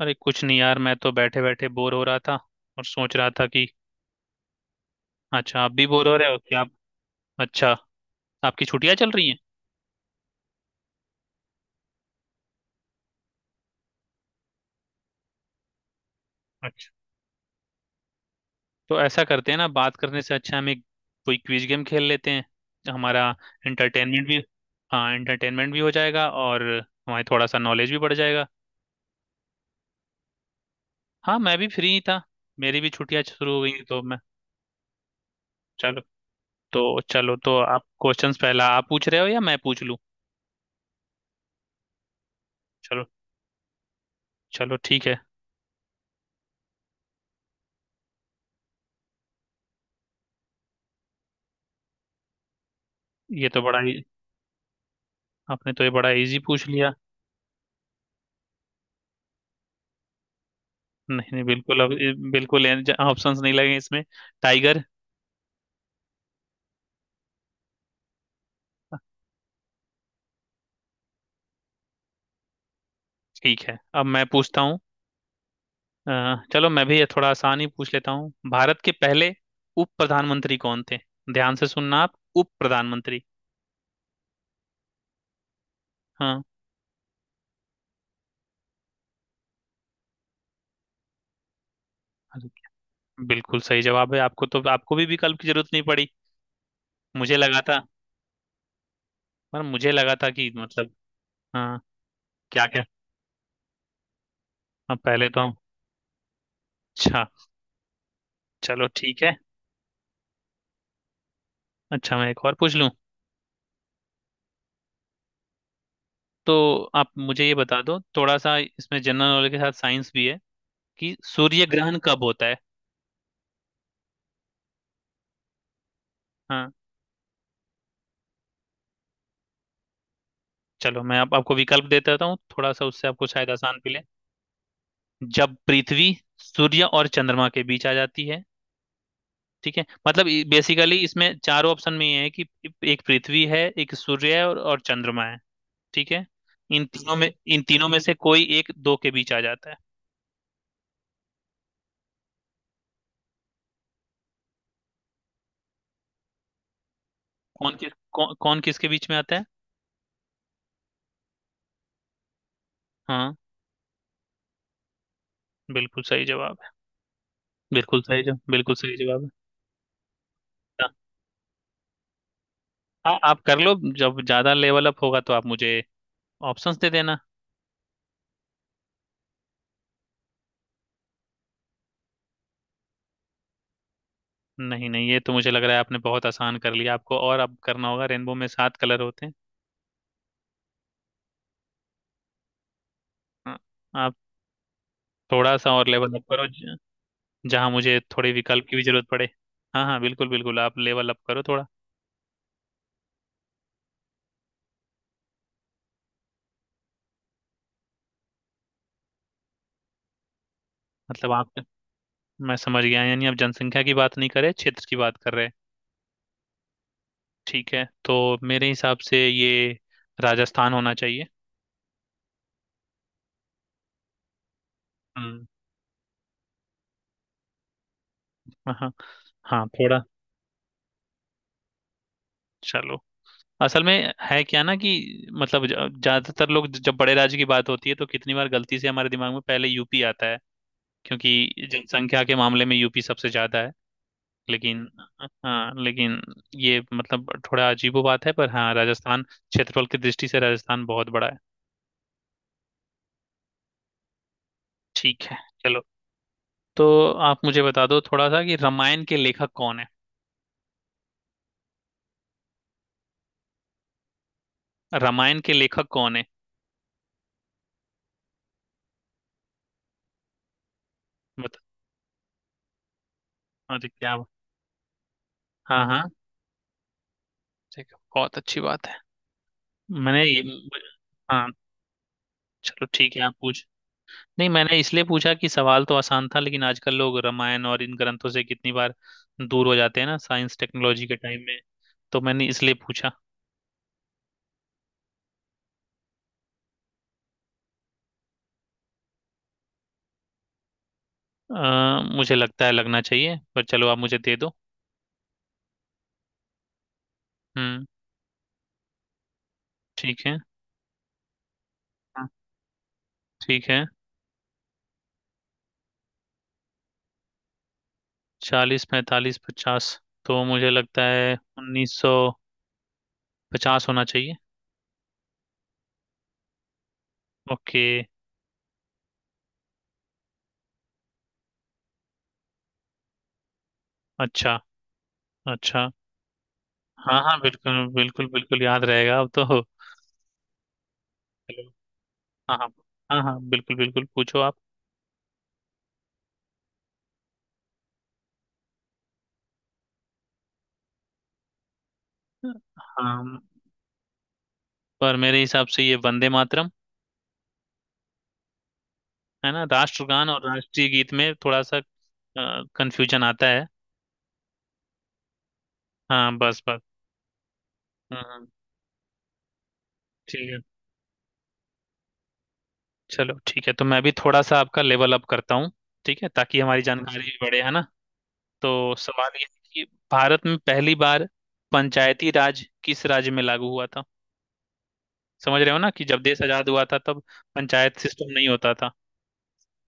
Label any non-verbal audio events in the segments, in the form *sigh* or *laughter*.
अरे कुछ नहीं यार। मैं तो बैठे बैठे बोर हो रहा था और सोच रहा था कि... अच्छा, आप भी बोर हो रहे हो कि आप... अच्छा, आपकी छुट्टियां चल रही हैं। अच्छा, तो ऐसा करते हैं ना, बात करने से अच्छा हम एक कोई क्विज गेम खेल लेते हैं। हमारा एंटरटेनमेंट भी... हाँ, एंटरटेनमेंट भी हो जाएगा और हमारी थोड़ा सा नॉलेज भी बढ़ जाएगा। हाँ, मैं भी फ्री ही था। मेरी भी छुट्टियां शुरू हो गई हैं, तो मैं... चलो। तो चलो, तो आप क्वेश्चंस पहला आप पूछ रहे हो या मैं पूछ लूँ? चलो। चलो ठीक है। ये तो बड़ा ही... आपने तो ये बड़ा इजी पूछ लिया। नहीं नहीं, बिल्कुल, अब बिल्कुल ऑप्शंस नहीं लगे इसमें। टाइगर। ठीक है, अब मैं पूछता हूँ। अ, चलो, मैं भी ये थोड़ा आसान ही पूछ लेता हूँ। भारत के पहले उप प्रधानमंत्री कौन थे? ध्यान से सुनना आप, उप प्रधानमंत्री। हाँ। अरे, बिल्कुल सही जवाब है। आपको तो... आपको भी विकल्प की जरूरत नहीं पड़ी। मुझे लगा था, पर मुझे लगा था कि मतलब... हाँ। क्या क्या? अब पहले तो हम... अच्छा, चलो ठीक है। अच्छा, मैं एक और पूछ लूँ। तो आप मुझे ये बता दो, थोड़ा सा इसमें जनरल नॉलेज के साथ साइंस भी है, कि सूर्य ग्रहण कब होता है? हाँ। चलो, मैं आपको विकल्प दे देता हूँ थोड़ा सा, उससे आपको शायद आसान मिले। जब पृथ्वी सूर्य और चंद्रमा के बीच आ जाती है। ठीक है, मतलब बेसिकली इसमें चारों ऑप्शन में ये है कि एक पृथ्वी है, एक सूर्य है और चंद्रमा है। ठीक है। इन तीनों में... इन तीनों में से कोई एक दो के बीच आ जाता है। कौन किसके बीच में आता है? हाँ। बिल्कुल सही जवाब है। बिल्कुल सही जवाब, बिल्कुल सही जवाब है। हाँ। आप कर लो, जब ज्यादा लेवल अप होगा तो आप मुझे ऑप्शंस दे देना। नहीं नहीं, ये तो मुझे लग रहा है आपने बहुत आसान कर लिया, आपको और अब करना होगा। रेनबो में सात कलर होते हैं। हाँ। आप थोड़ा सा और लेवल अप करो, जहाँ मुझे थोड़े विकल्प की भी जरूरत पड़े। हाँ हाँ, बिल्कुल बिल्कुल, आप लेवल अप करो थोड़ा। मतलब आप... मैं समझ गया, यानी आप जनसंख्या की बात नहीं कर रहे, क्षेत्र की बात कर रहे हैं। ठीक है, तो मेरे हिसाब से ये राजस्थान होना चाहिए। हम्म। हाँ हाँ। हाँ, थोड़ा... चलो, असल में है क्या ना कि... मतलब ज्यादातर लोग जब बड़े राज्य की बात होती है तो कितनी बार गलती से हमारे दिमाग में पहले यूपी आता है, क्योंकि जनसंख्या के मामले में यूपी सबसे ज्यादा है। लेकिन... हाँ, लेकिन ये मतलब थोड़ा अजीबो बात है, पर हाँ, राजस्थान क्षेत्रफल की दृष्टि से राजस्थान बहुत बड़ा है। ठीक है। चलो, तो आप मुझे बता दो थोड़ा सा कि रामायण के लेखक कौन है? रामायण के लेखक कौन है? बता। हाँ जी, क्या? हाँ हाँ, ठीक है, बहुत अच्छी बात है। मैंने ये... हाँ, चलो ठीक है, आप पूछ... नहीं, मैंने इसलिए पूछा कि सवाल तो आसान था, लेकिन आजकल लोग रामायण और इन ग्रंथों से कितनी बार दूर हो जाते हैं ना, साइंस टेक्नोलॉजी के टाइम में। तो मैंने इसलिए पूछा। मुझे लगता है लगना चाहिए, पर चलो आप मुझे दे दो। हम्म। ठीक है। हाँ, ठीक है। चालीस, पैंतालीस, पचास, तो मुझे लगता है 1950 होना चाहिए। ओके। अच्छा। अच्छा। हाँ हाँ, बिल्कुल बिल्कुल बिल्कुल याद रहेगा अब तो। चलो। हाँ हाँ। हाँ हाँ बिल्कुल बिल्कुल, पूछो आप। हाँ, पर मेरे हिसाब से ये वंदे मातरम है ना। राष्ट्रगान और राष्ट्रीय गीत में थोड़ा सा कंफ्यूजन आता है। हाँ, बस बस। हाँ हाँ। ठीक है, चलो ठीक है, तो मैं भी थोड़ा सा आपका लेवल अप करता हूँ। ठीक है, ताकि हमारी जानकारी भी बढ़े, है ना। तो सवाल ये है कि भारत में पहली बार पंचायती राज किस राज्य में लागू हुआ था? समझ रहे हो ना कि जब देश आजाद हुआ था तब पंचायत सिस्टम नहीं होता था,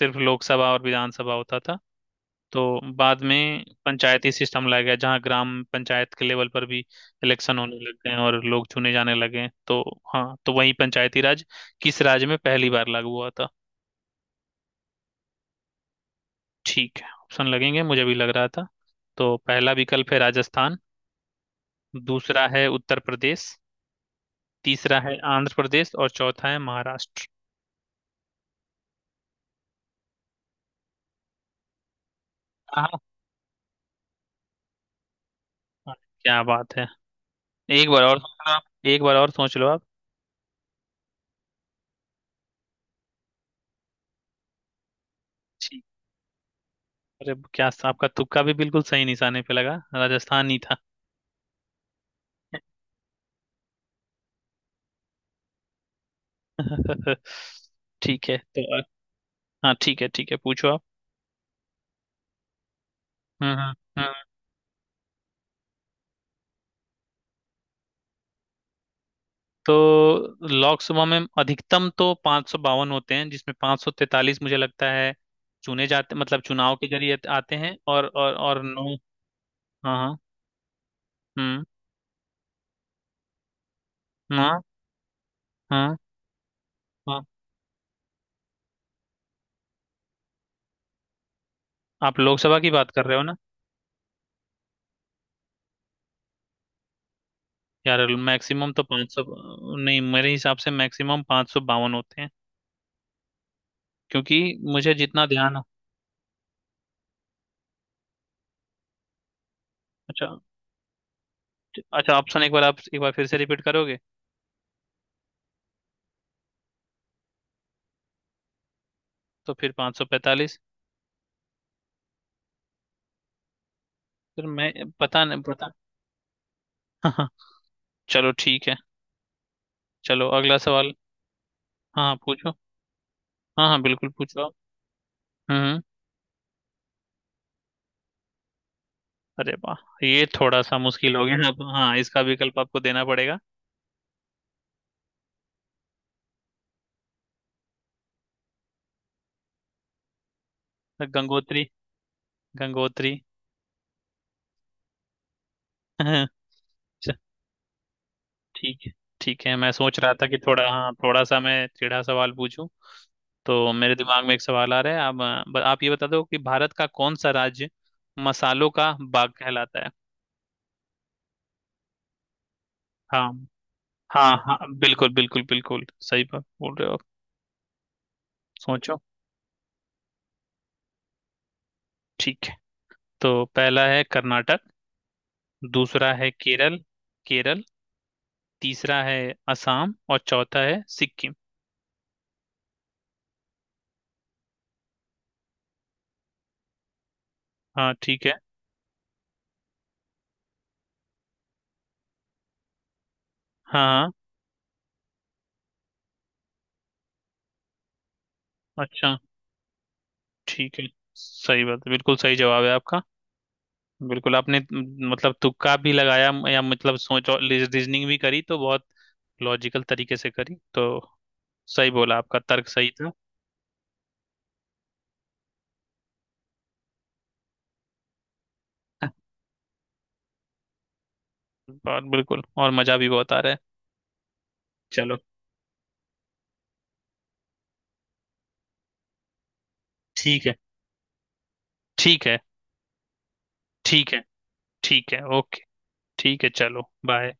सिर्फ लोकसभा और विधानसभा होता था। तो बाद में पंचायती सिस्टम लाया गया, जहाँ ग्राम पंचायत के लेवल पर भी इलेक्शन होने लग गए हैं और लोग चुने जाने लगे हैं। तो हाँ, तो वही पंचायती राज किस राज्य में पहली बार लागू हुआ था? ठीक है, ऑप्शन लगेंगे, मुझे भी लग रहा था। तो पहला विकल्प है राजस्थान, दूसरा है उत्तर प्रदेश, तीसरा है आंध्र प्रदेश और चौथा है महाराष्ट्र। हाँ हाँ, क्या बात है, एक बार और सोच लो आप, एक बार और सोच लो आप। ठीक। अरे क्या! आपका तुक्का भी बिल्कुल सही निशाने पे लगा, राजस्थान ही था। *laughs* ठीक है तो... हाँ ठीक है ठीक है, पूछो आप। हम्म हम्म हम्म। तो लोकसभा में अधिकतम तो 552 होते हैं, जिसमें 543 मुझे लगता है चुने जाते, मतलब चुनाव के जरिए आते हैं, और नौ... हाँ हाँ। हम्म। हाँ हाँ हाँ। आप लोकसभा की बात कर रहे हो ना? यार मैक्सिमम तो पाँच सौ... नहीं, मेरे हिसाब से मैक्सिमम 552 होते हैं क्योंकि मुझे जितना ध्यान... अच्छा, अच्छा, ऑप्शन एक बार आप एक बार फिर से रिपीट करोगे? तो फिर 545, फिर मैं... पता नहीं पता। हाँ हाँ, चलो ठीक है, चलो अगला सवाल। हाँ हाँ, पूछो। हाँ हाँ बिल्कुल, पूछो आप। हम्म हम्म। अरे वाह, ये थोड़ा सा मुश्किल हो गया अब, हाँ, इसका विकल्प आपको देना पड़ेगा। गंगोत्री। गंगोत्री। *laughs* अच्छा। ठीक है। ठीक है, मैं सोच रहा था कि थोड़ा, हाँ, थोड़ा सा मैं टेढ़ा सवाल पूछूं। तो मेरे दिमाग में एक सवाल आ रहा है। आप... आप ये बता दो कि भारत का कौन सा राज्य मसालों का बाग कहलाता है? हाँ। हाँ हाँ बिल्कुल बिल्कुल बिल्कुल, सही बात बोल रहे हो आप। सोचो। ठीक है, तो पहला है कर्नाटक, दूसरा है केरल, केरल, तीसरा है असम और चौथा है सिक्किम। हाँ ठीक है। हाँ हाँ। अच्छा। ठीक है, सही बात है, बिल्कुल सही जवाब है आपका। बिल्कुल, आपने मतलब तुक्का भी लगाया, या मतलब सोच और रीजनिंग भी करी, तो बहुत लॉजिकल तरीके से करी, तो सही बोला, आपका तर्क सही था। और बिल्कुल, और मजा भी बहुत आ रहा है। चलो ठीक है, ठीक है। ठीक है, ठीक है ओके। ठीक है, चलो बाय।